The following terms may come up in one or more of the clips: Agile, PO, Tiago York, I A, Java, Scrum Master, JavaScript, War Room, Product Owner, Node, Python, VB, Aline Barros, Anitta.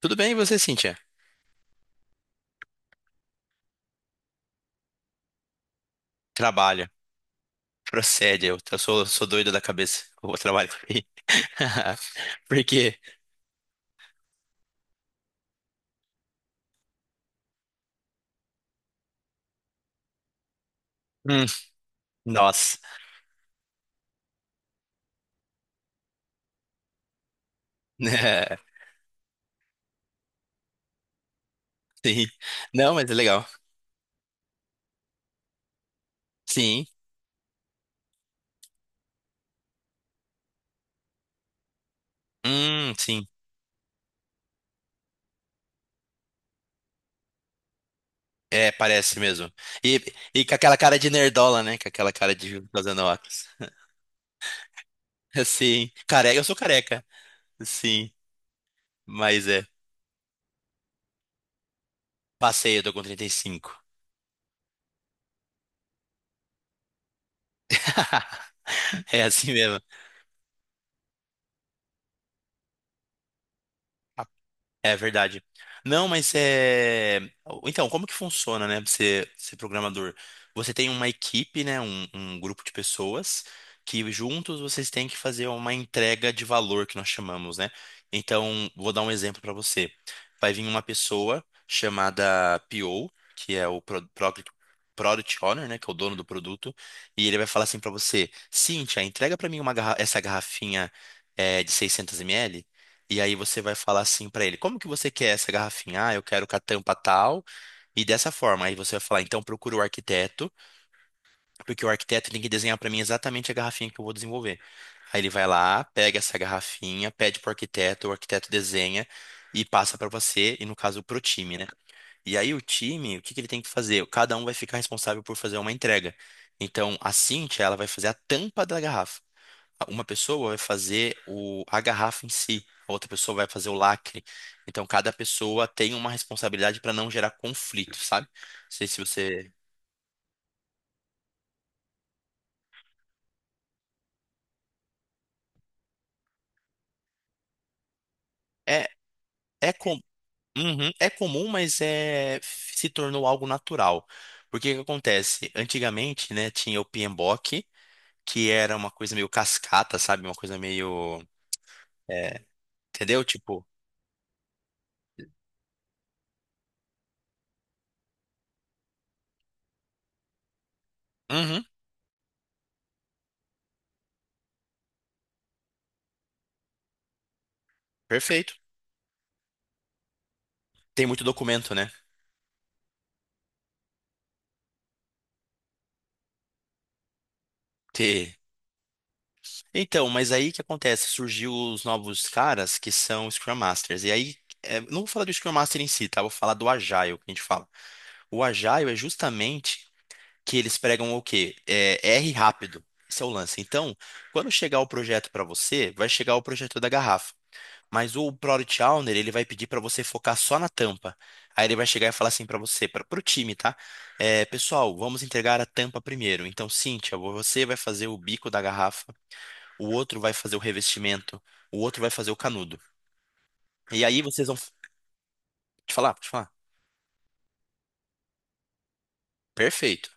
Tudo bem, e você, Cíntia? Trabalha, procede. Eu sou doido da cabeça. Eu trabalho com I A. Por aí. Porque, hum, nossa, Sim. Não, mas é legal. Sim. Sim. É, parece mesmo. E, e com aquela cara de nerdola, né? Com aquela cara de fazendo óculos. Sim. Careca, eu sou careca. Sim. Mas é. Passei, eu tô com 35. É assim mesmo. É verdade. Não, mas é. Então, como que funciona, né? Você ser programador? Você tem uma equipe, né? Um grupo de pessoas que juntos vocês têm que fazer uma entrega de valor que nós chamamos, né? Então, vou dar um exemplo para você. Vai vir uma pessoa chamada PO, que é o Product Owner, né? Que é o dono do produto, e ele vai falar assim para você: Cíntia, entrega para mim uma essa garrafinha de 600 ml. E aí você vai falar assim pra ele: como que você quer essa garrafinha? Ah, eu quero com a tampa tal. E dessa forma, aí você vai falar: então procura o arquiteto, porque o arquiteto tem que desenhar pra mim exatamente a garrafinha que eu vou desenvolver. Aí ele vai lá, pega essa garrafinha, pede pro arquiteto, o arquiteto desenha e passa pra você, e no caso pro time, né? E aí o time, o que que ele tem que fazer? Cada um vai ficar responsável por fazer uma entrega. Então a Cintia, ela vai fazer a tampa da garrafa. Uma pessoa vai fazer a garrafa em si, a outra pessoa vai fazer o lacre. Então, cada pessoa tem uma responsabilidade para não gerar conflito, sabe? Não sei se você. É, é, com... Uhum, é comum, mas se tornou algo natural. Porque o que acontece? Antigamente, né, tinha o piembok, que era uma coisa meio cascata, sabe? Uma coisa meio. é, Entendeu? Tipo. Uhum, perfeito. Tem muito documento, né? Então, mas aí que acontece? Surgiu os novos caras que são Scrum Masters. E aí, não vou falar do Scrum Master em si, tá? Vou falar do Agile que a gente fala. O Agile é justamente que eles pregam o quê? É, R rápido. Esse é o lance. Então, quando chegar o projeto para você, vai chegar o projeto da garrafa. Mas o Product Owner, ele vai pedir para você focar só na tampa. Aí ele vai chegar e falar assim para você, para o time, tá? É, pessoal, vamos entregar a tampa primeiro. Então, Cíntia, você vai fazer o bico da garrafa, o outro vai fazer o revestimento, o outro vai fazer o canudo. E aí vocês vão te falar, perfeito.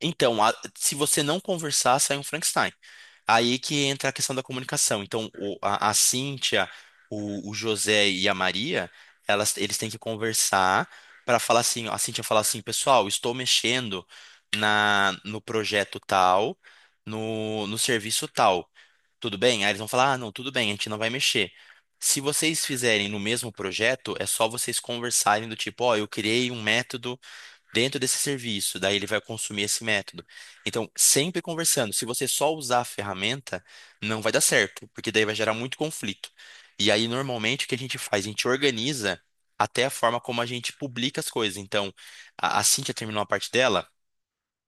Então, se você não conversar, sai um Frankenstein. Aí que entra a questão da comunicação. Então, a Cíntia, o José e a Maria, eles têm que conversar para falar assim, a Cíntia fala assim, pessoal, estou mexendo no projeto tal, no serviço tal. Tudo bem? Aí eles vão falar, ah, não, tudo bem, a gente não vai mexer. Se vocês fizerem no mesmo projeto, é só vocês conversarem do tipo, ó, eu criei um método dentro desse serviço, daí ele vai consumir esse método. Então, sempre conversando. Se você só usar a ferramenta, não vai dar certo, porque daí vai gerar muito conflito. E aí, normalmente, o que a gente faz? A gente organiza até a forma como a gente publica as coisas. Então, a Cíntia terminou a parte dela.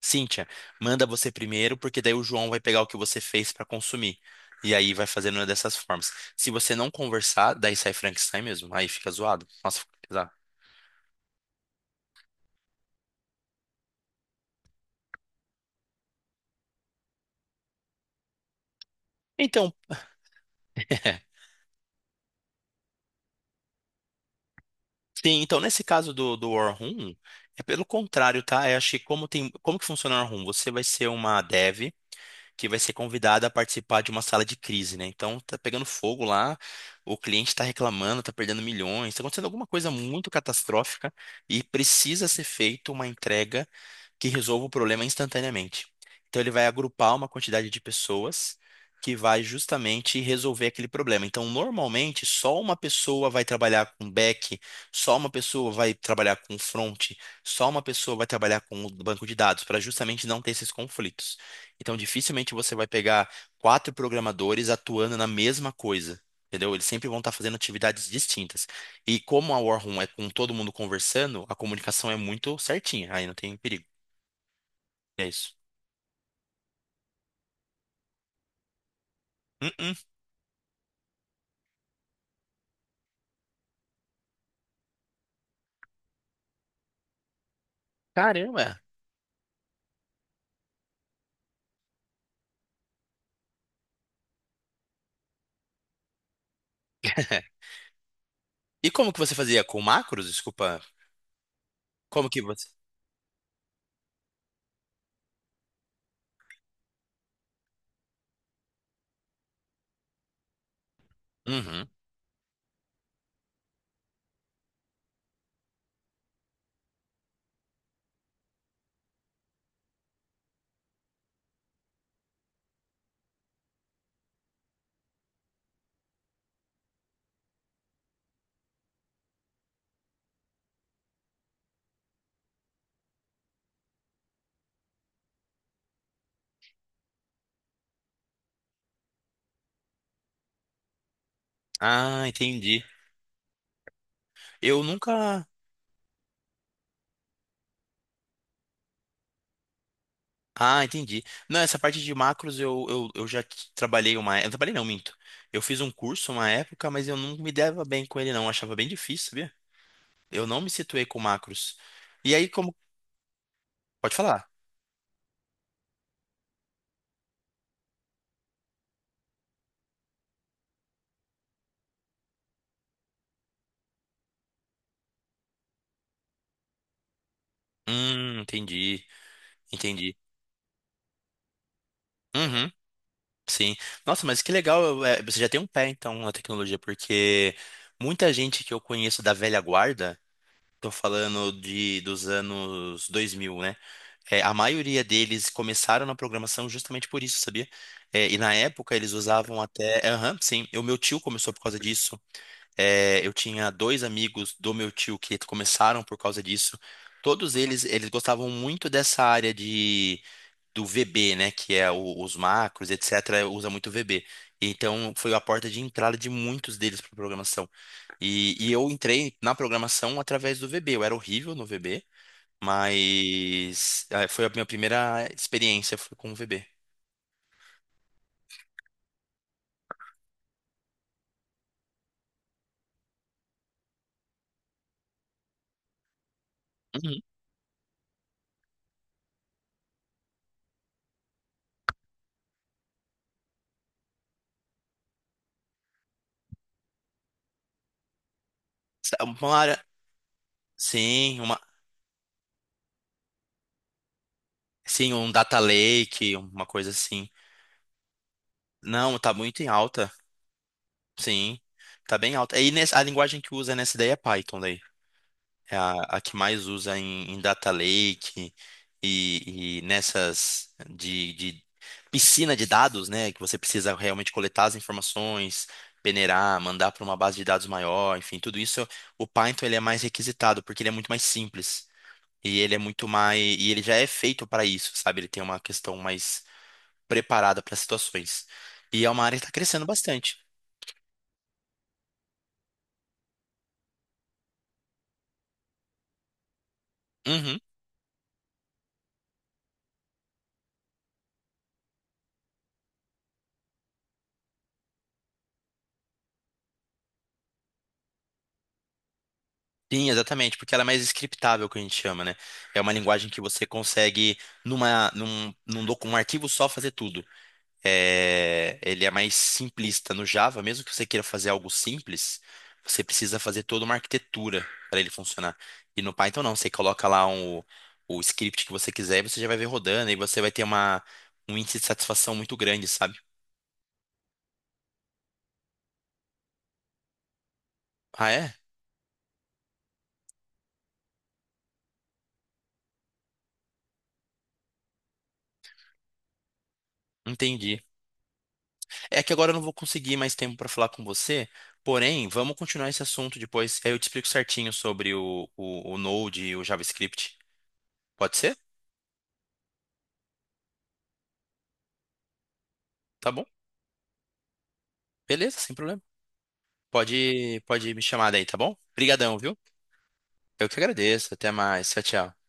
Cíntia, manda você primeiro, porque daí o João vai pegar o que você fez para consumir. E aí vai fazendo uma dessas formas. Se você não conversar, daí sai Frankenstein mesmo. Aí fica zoado. Nossa, fica pesado. Então, Sim, então nesse caso do War Room, é pelo contrário, tá? Eu acho que como tem, como que funciona o War Room? Você vai ser uma dev que vai ser convidada a participar de uma sala de crise, né? Então tá pegando fogo lá, o cliente tá reclamando, tá perdendo milhões, tá acontecendo alguma coisa muito catastrófica e precisa ser feita uma entrega que resolva o problema instantaneamente. Então, ele vai agrupar uma quantidade de pessoas que vai justamente resolver aquele problema. Então, normalmente, só uma pessoa vai trabalhar com back, só uma pessoa vai trabalhar com front, só uma pessoa vai trabalhar com o banco de dados, para justamente não ter esses conflitos. Então, dificilmente você vai pegar quatro programadores atuando na mesma coisa. Entendeu? Eles sempre vão estar fazendo atividades distintas. E como a War Room é com todo mundo conversando, a comunicação é muito certinha, aí não tem perigo. É isso. Hum, hum. Caramba. E como que você fazia com macros? Desculpa. Como que você. Uhum. Ah, entendi. Eu nunca. Ah, entendi. Não, essa parte de macros eu já trabalhei uma. Eu não trabalhei não, minto. Eu fiz um curso uma época, mas eu não me dava bem com ele, não. Eu achava bem difícil, sabia? Eu não me situei com macros. E aí, como. Pode falar. Entendi. Entendi. Uhum. Sim. Nossa, mas que legal, você já tem um pé então na tecnologia, porque muita gente que eu conheço da velha guarda, tô falando de dos anos 2000, né? É, a maioria deles começaram na programação justamente por isso, sabia? É, e na época eles usavam até. Aham, sim. O meu tio começou por causa disso. É, eu tinha dois amigos do meu tio que começaram por causa disso. Todos eles gostavam muito dessa área do VB, né, que é os macros, etc., usa muito VB. Então, foi a porta de entrada de muitos deles para programação. E eu entrei na programação através do VB. Eu era horrível no VB, mas foi a minha primeira experiência foi com o VB. Uhum. Uma área, sim, uma, sim, um data lake, uma coisa assim. Não, tá muito em alta, sim, tá bem alta. E a linguagem que usa nessa ideia é Python daí. É a que mais usa em data lake e nessas de piscina de dados, né? Que você precisa realmente coletar as informações, peneirar, mandar para uma base de dados maior, enfim, tudo isso. O Python ele é mais requisitado porque ele é muito mais simples e ele é muito mais e ele já é feito para isso, sabe? Ele tem uma questão mais preparada para situações e é uma área que está crescendo bastante. Uhum. Sim, exatamente, porque ela é mais scriptável, que a gente chama, né? É uma linguagem que você consegue, num um arquivo só, fazer tudo. É, ele é mais simplista. No Java, mesmo que você queira fazer algo simples, você precisa fazer toda uma arquitetura para ele funcionar. E no Python, não, você coloca lá o script que você quiser e você já vai ver rodando, e você vai ter um índice de satisfação muito grande, sabe? Ah, é? Entendi. É que agora eu não vou conseguir mais tempo para falar com você, porém, vamos continuar esse assunto depois. Aí eu te explico certinho sobre o Node e o JavaScript. Pode ser? Tá bom? Beleza, sem problema. Pode me chamar daí, tá bom? Obrigadão, viu? Eu que agradeço. Até mais. Tchau, tchau.